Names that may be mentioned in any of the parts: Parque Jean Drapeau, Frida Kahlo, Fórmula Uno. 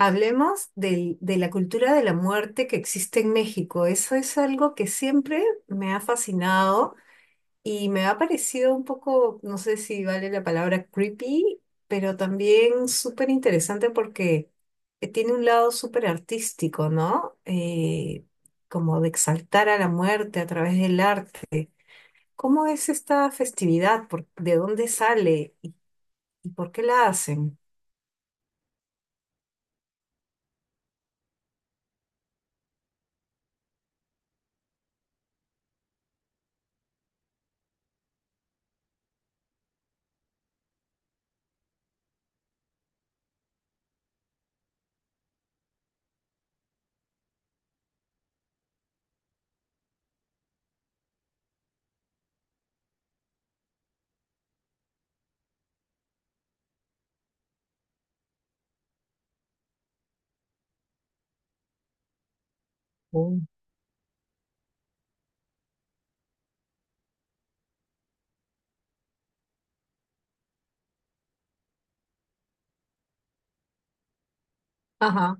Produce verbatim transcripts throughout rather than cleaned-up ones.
Hablemos del- de la cultura de la muerte que existe en México. Eso es algo que siempre me ha fascinado y me ha parecido un poco, no sé si vale la palabra creepy, pero también súper interesante porque eh, tiene un lado súper artístico, ¿no? Eh, como de exaltar a la muerte a través del arte. ¿Cómo es esta festividad? ¿Por- de dónde sale y, y por qué la hacen? Oh. Ajá,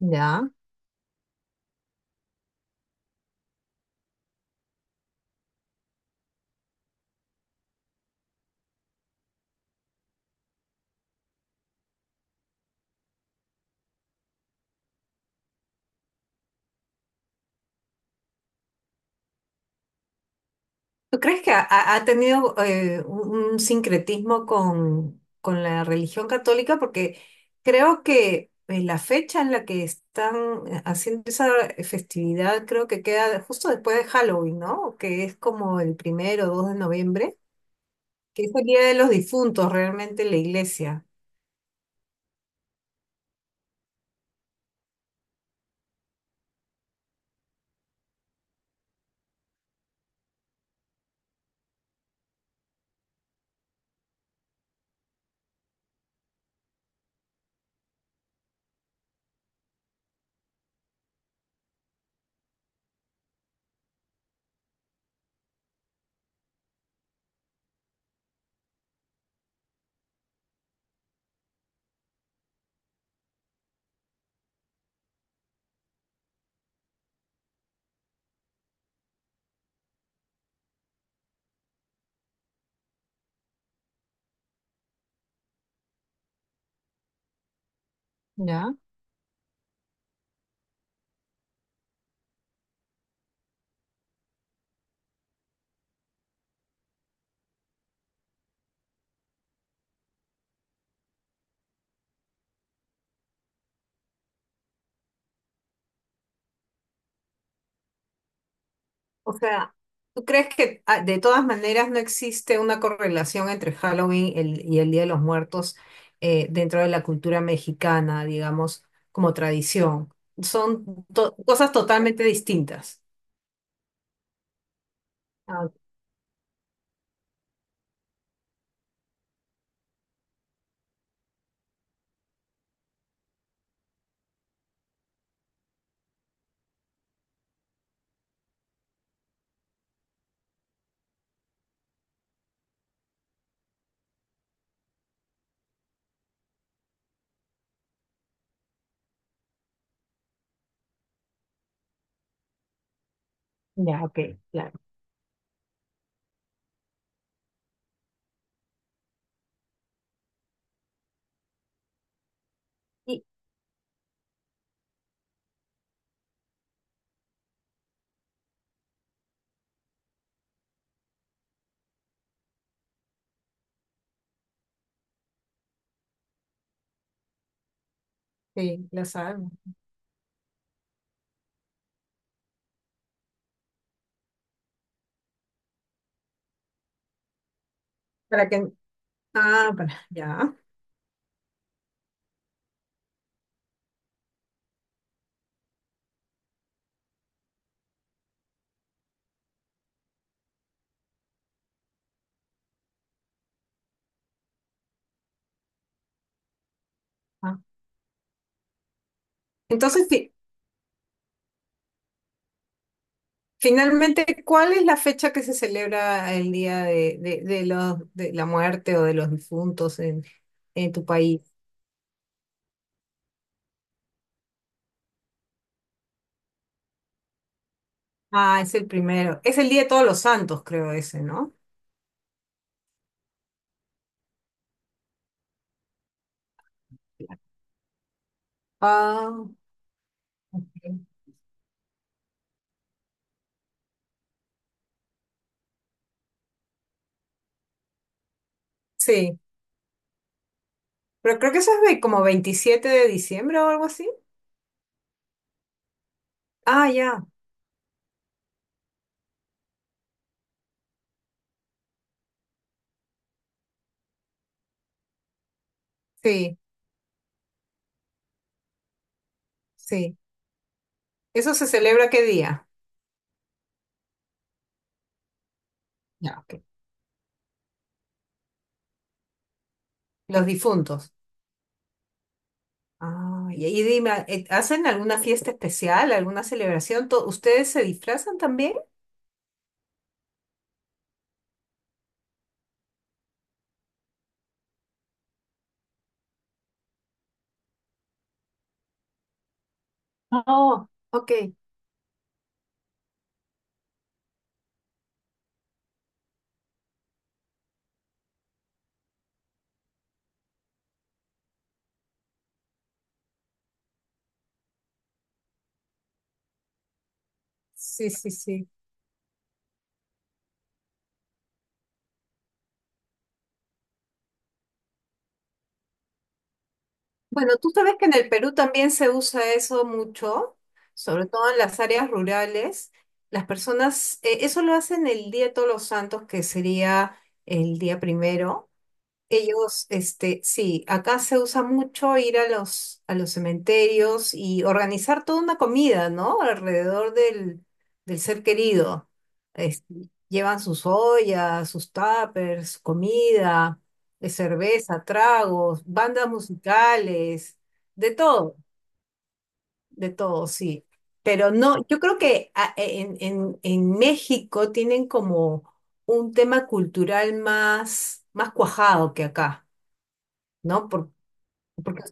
ya. ¿Tú crees que ha, ha- ha tenido eh, un un sincretismo con, con la religión católica? Porque creo que eh, la fecha en la que están eh, haciendo esa festividad creo que queda justo después de Halloween, ¿no? Que es como el primero o dos de noviembre, que es el Día de los Difuntos realmente en la iglesia. ¿Ya? O sea, ¿tú crees que ah, de todas maneras no existe una correlación entre Halloween el- y el Día de los Muertos eh, dentro de la cultura mexicana, digamos, como tradición? Son to- cosas totalmente distintas. Ah, ya, ok, claro. Y- sí, lo sabemos. Para que... Ah, para, ya. Ah. Entonces, fi- finalmente, ¿cuál es la fecha que se celebra el Día de, de, de los, de la muerte o de los difuntos en, en tu país? Ah, es el primero. Es el Día de Todos los Santos, creo ese, ¿no? Ah, ok. Sí. Pero creo que eso es ve- como veintisiete de diciembre o algo así. Ah, ya. Sí, sí. ¿Eso se celebra qué día? Ya, ok. Los difuntos. Ah, y ahí dime, eh, ¿hacen alguna fiesta especial, alguna celebración? To- ¿Ustedes se disfrazan también? Oh, ok. Sí, sí, sí. Bueno, tú sabes que en el Perú también se usa eso mucho, sobre todo en las áreas rurales. Las personas, eh, eso lo hacen el Día de Todos los Santos, que sería el día primero. Ellos, este, sí, acá se usa mucho ir a los, a los cementerios y organizar toda una comida, ¿no? Alrededor del, del ser querido. Este, llevan sus ollas, sus tuppers, comida, eh, cerveza, tragos, bandas musicales, de todo, de todo, sí. Pero no, yo creo que ah, en, en, en México tienen como un tema cultural más, más cuajado que acá. ¿No? Por- porque,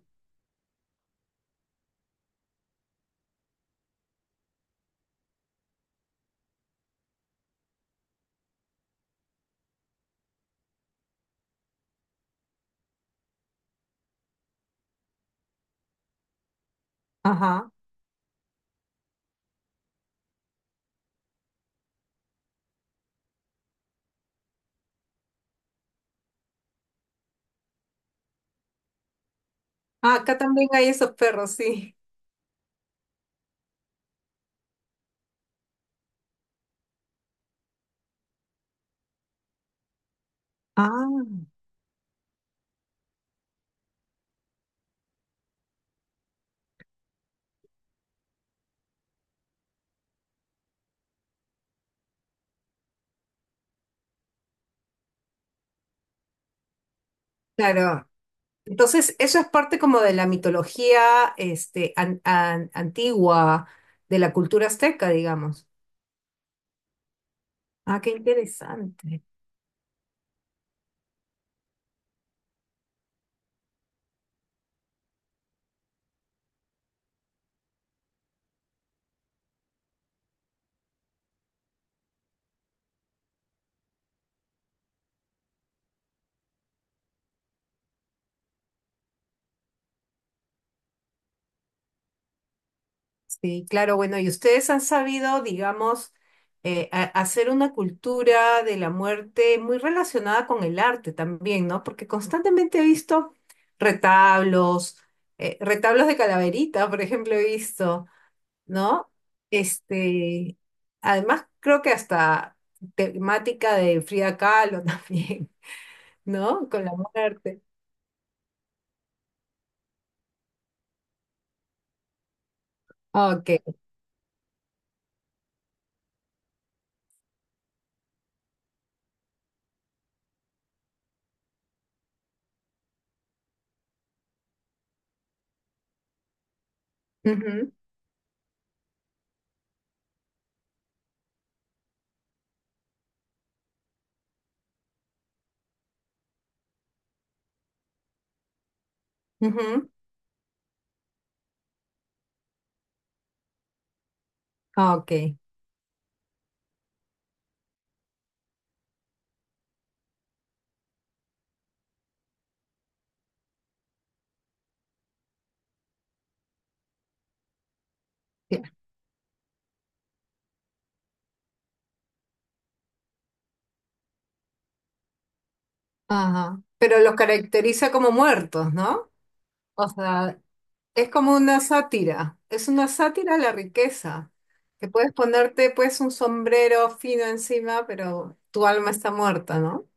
ajá. Ah, acá también hay esos perros, sí. Ah, claro. Entonces, eso es parte como de la mitología, este, an- an- antigua, de la cultura azteca, digamos. Ah, qué interesante. Sí, claro, bueno, y ustedes han sabido, digamos, eh, a- hacer una cultura de la muerte muy relacionada con el arte también, ¿no? Porque constantemente he visto retablos, eh, retablos de calaverita, por ejemplo, he visto. ¿No? Este, además creo que hasta temática de Frida Kahlo también, ¿no? Con la muerte. Ok. Ujú, ujú. Ok. Ya, ajá. Pero los caracteriza como muertos, ¿no? O sea, es como una sátira, es una sátira a la riqueza. Que puedes ponerte pues un sombrero fino encima, pero tu alma está muerta, ¿no?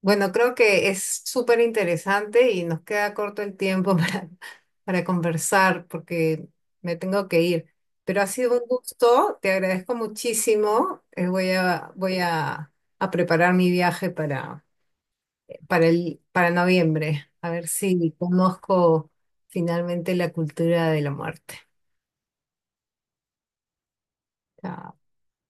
Bueno, creo que es súper interesante y nos queda corto el tiempo para, para conversar porque me tengo que ir. Pero ha sido un gusto, te agradezco muchísimo. Eh, voy a, voy a, a preparar mi viaje para, para el, para noviembre, a ver si conozco finalmente la cultura de la muerte. Chao.